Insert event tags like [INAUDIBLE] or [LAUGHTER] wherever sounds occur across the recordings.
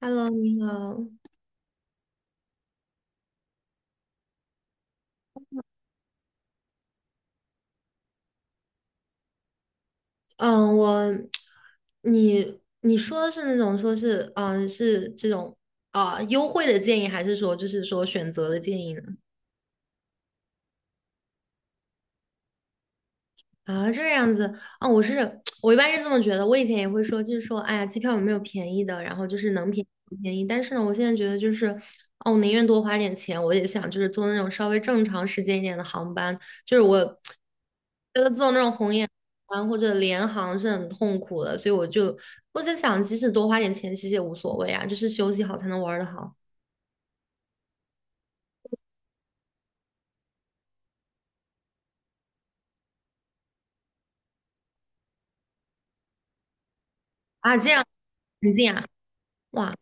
Hello，你好。嗯，我，你说的是那种说是，是这种啊、优惠的建议，还是说就是说选择的建议呢？啊，这样子啊，我是 [TSK] 我一般是这么觉得，我以前也会说，就是说，哎呀，机票有没有便宜的，然后就是能便宜不便宜。但是呢，我现在觉得就是，哦，我宁愿多花点钱，我也想就是坐那种稍微正常时间一点的航班。就是我觉得坐那种红眼航班或者联航是很痛苦的，所以我在想，即使多花点钱，其实也无所谓啊，就是休息好才能玩的好啊。这样很近啊，哇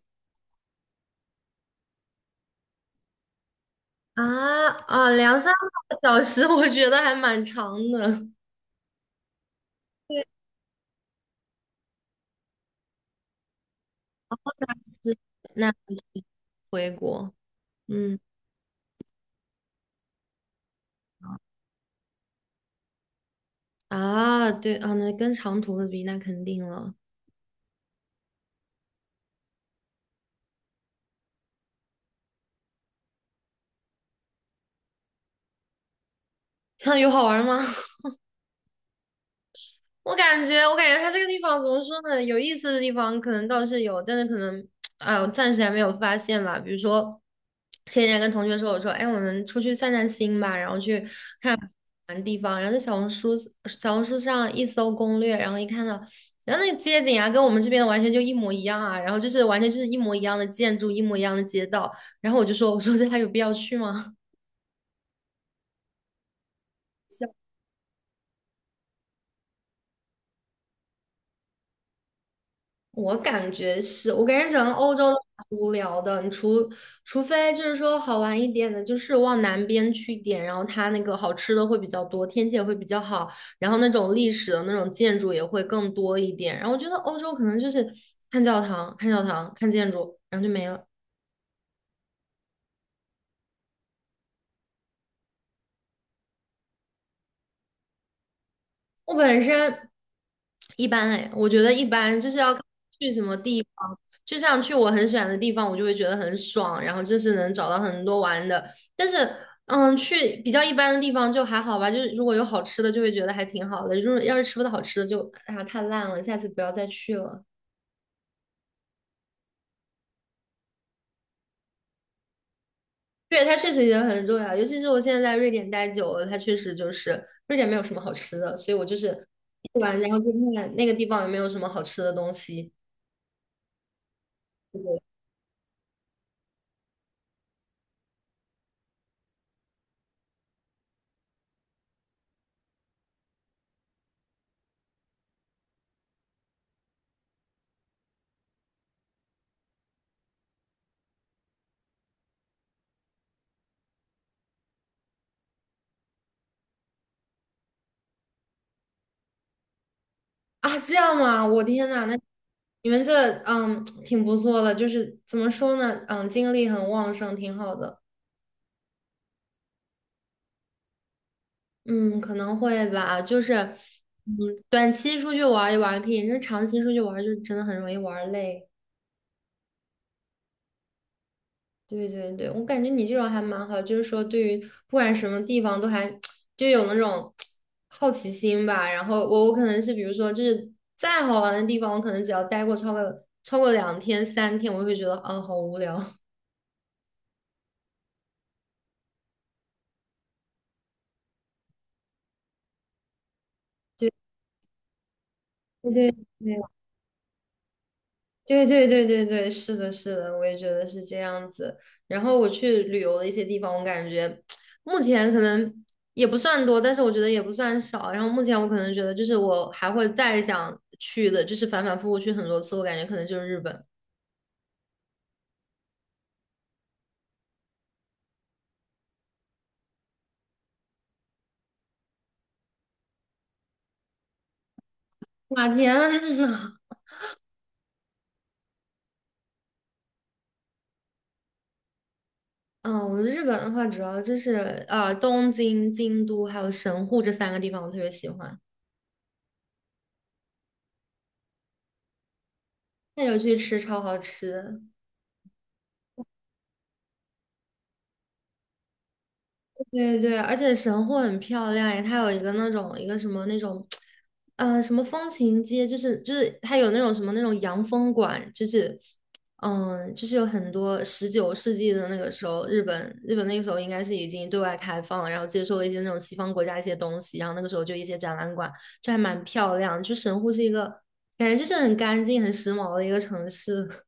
啊啊，两三个小时，[LAUGHS] 我觉得还蛮长的。是，那回国，嗯啊，对啊，那跟长途的比，那肯定了。[LAUGHS] 那有好玩吗？[LAUGHS] 我感觉它这个地方怎么说呢？有意思的地方可能倒是有，但是可能，哎，我暂时还没有发现吧。比如说，前几天跟同学说，我说，哎，我们出去散散心吧，然后去玩的地方，然后在小红书上一搜攻略，然后一看到，然后那个街景啊，跟我们这边完全就一模一样啊，然后就是完全就是一模一样的建筑，一模一样的街道，然后我说这还有必要去吗？我感觉是，我感觉整个欧洲都蛮无聊的，你除非就是说好玩一点的，就是往南边去一点，然后它那个好吃的会比较多，天气也会比较好，然后那种历史的那种建筑也会更多一点。然后我觉得欧洲可能就是看教堂、看建筑，然后就没了。我本身一般哎，我觉得一般，就是要看去什么地方，就像去我很喜欢的地方，我就会觉得很爽，然后就是能找到很多玩的。但是，去比较一般的地方就还好吧，就是如果有好吃的，就会觉得还挺好的。如果要是吃不到好吃的就，啊太烂了，下次不要再去了。对，它确实也很重要，尤其是我现在在瑞典待久了，它确实就是瑞典没有什么好吃的，所以我就是去玩，然后就看看那个地方有没有什么好吃的东西。啊，这样吗？我天呐。那你们这嗯挺不错的，就是怎么说呢，精力很旺盛，挺好的。嗯，可能会吧，就是嗯，短期出去玩一玩可以，那长期出去玩就真的很容易玩累。对对对，我感觉你这种还蛮好，就是说对于不管什么地方都还 [TSK] 就有那种 [TSK] 好奇心吧。然后我可能是比如说就是再好玩的地方，我可能只要待过超过两天三天，我就会觉得啊好无聊。[LAUGHS] 对。对对对对对对，对，是的，是的，我也觉得是这样子。然后我去旅游的一些地方，我感觉目前可能也不算多，但是我觉得也不算少。然后目前我可能觉得，就是我还会再想去的，就是反反复复去很多次，我感觉可能就是日本。哇，天呐！嗯，我日本的话，主要就是东京、京都还有神户这三个地方，我特别喜欢。那有去吃，超好吃。对对，而且神户很漂亮诶，它有一个那种一个什么那种，什么风情街，就是它有那种什么那种洋风馆，就是就是有很多19世纪的那个时候，日本那个时候应该是已经对外开放了，然后接受了一些那种西方国家一些东西，然后那个时候就一些展览馆，就还蛮漂亮。就神户是一个感觉就是很干净、很时髦的一个城市。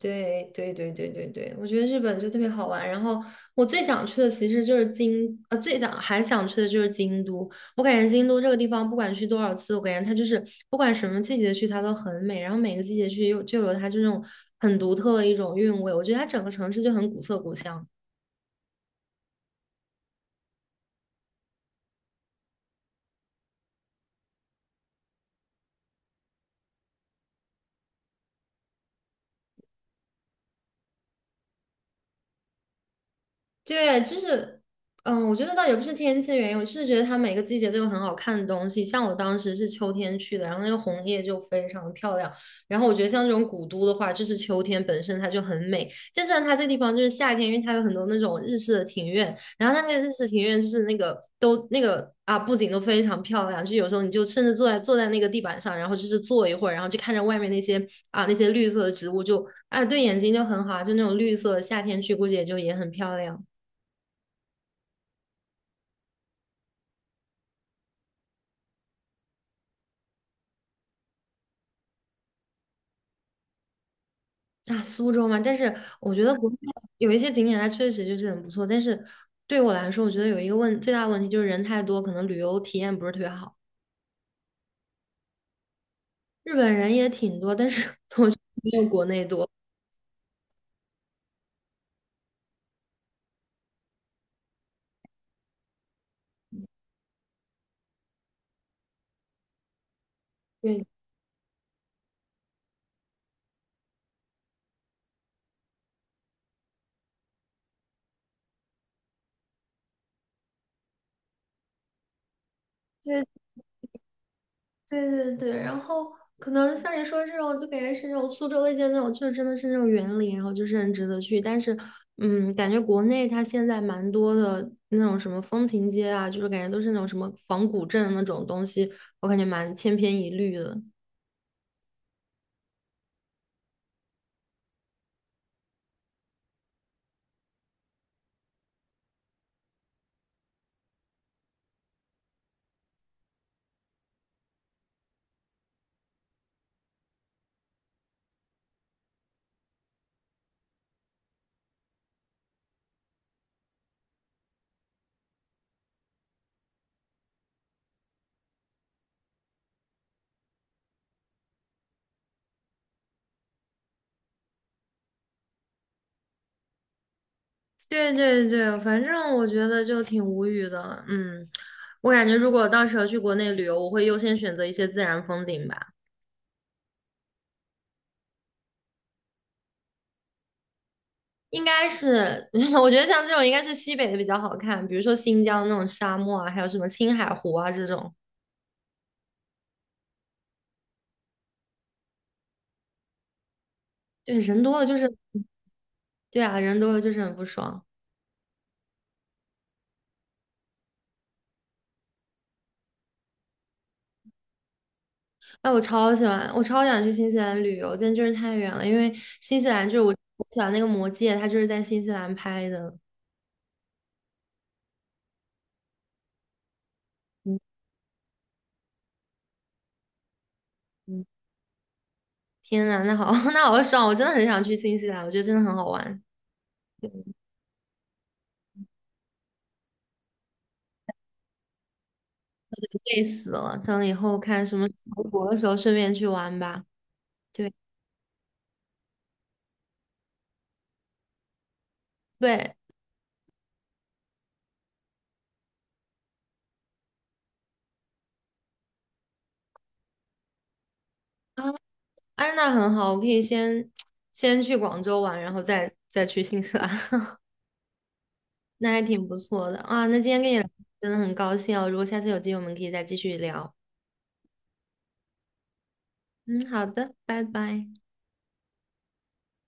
对对对对对对，我觉得日本就特别好玩。然后我最想去的其实就是最想还想去的就是京都。我感觉京都这个地方，不管去多少次，我感觉它就是不管什么季节去，它都很美。然后每个季节去又就有它这种很独特的一种韵味。我觉得它整个城市就很古色古香。对，就是，我觉得倒也不是天气原因，我就是觉得它每个季节都有很好看的东西。像我当时是秋天去的，然后那个红叶就非常的漂亮。然后我觉得像这种古都的话，就是秋天本身它就很美，但是呢，它这个地方就是夏天，因为它有很多那种日式的庭院，然后它那个日式庭院就是那个都那个啊布景都非常漂亮，就有时候你就甚至坐在那个地板上，然后就是坐一会儿，然后就看着外面那些绿色的植物就，啊对眼睛就很好啊就那种绿色，夏天去估计也就也很漂亮。啊，苏州嘛，但是我觉得国内有一些景点它确实就是很不错，但是对我来说，我觉得有一个最大的问题就是人太多，可能旅游体验不是特别好。日本人也挺多，但是 [LAUGHS] 我觉得没有国内多。对，对对对对，然后可能像你说这种，就感觉是那种苏州的一些那种，就是真的是那种园林，然后就是很值得去。但是，感觉国内它现在蛮多的那种什么风情街啊，就是感觉都是那种什么仿古镇那种东西，我感觉蛮千篇一律的。对对对，反正我觉得就挺无语的。嗯，我感觉如果到时候去国内旅游，我会优先选择一些自然风景吧。应该是，[LAUGHS] 我觉得像这种应该是西北的比较好看，比如说新疆那种沙漠啊，还有什么青海湖啊这种。对，人多了就是，对啊，人多了就是很不爽。哎，我超喜欢，我超想去新西兰旅游，但就是太远了，因为新西兰就是我喜欢那个《魔戒》，它就是在新西兰拍的。嗯嗯，天呐，那好，[LAUGHS] 那好爽！我真的很想去新西兰，我觉得真的很好玩，累死了。等以后看什么时候回国的时候，顺便去玩吧。对对啊，安娜很好，我可以先去广州玩，然后再去新西兰，[LAUGHS] 那还挺不错的啊。那今天跟你聊真的很高兴哦，如果下次有机会，我们可以再继续聊。嗯，好的，拜拜。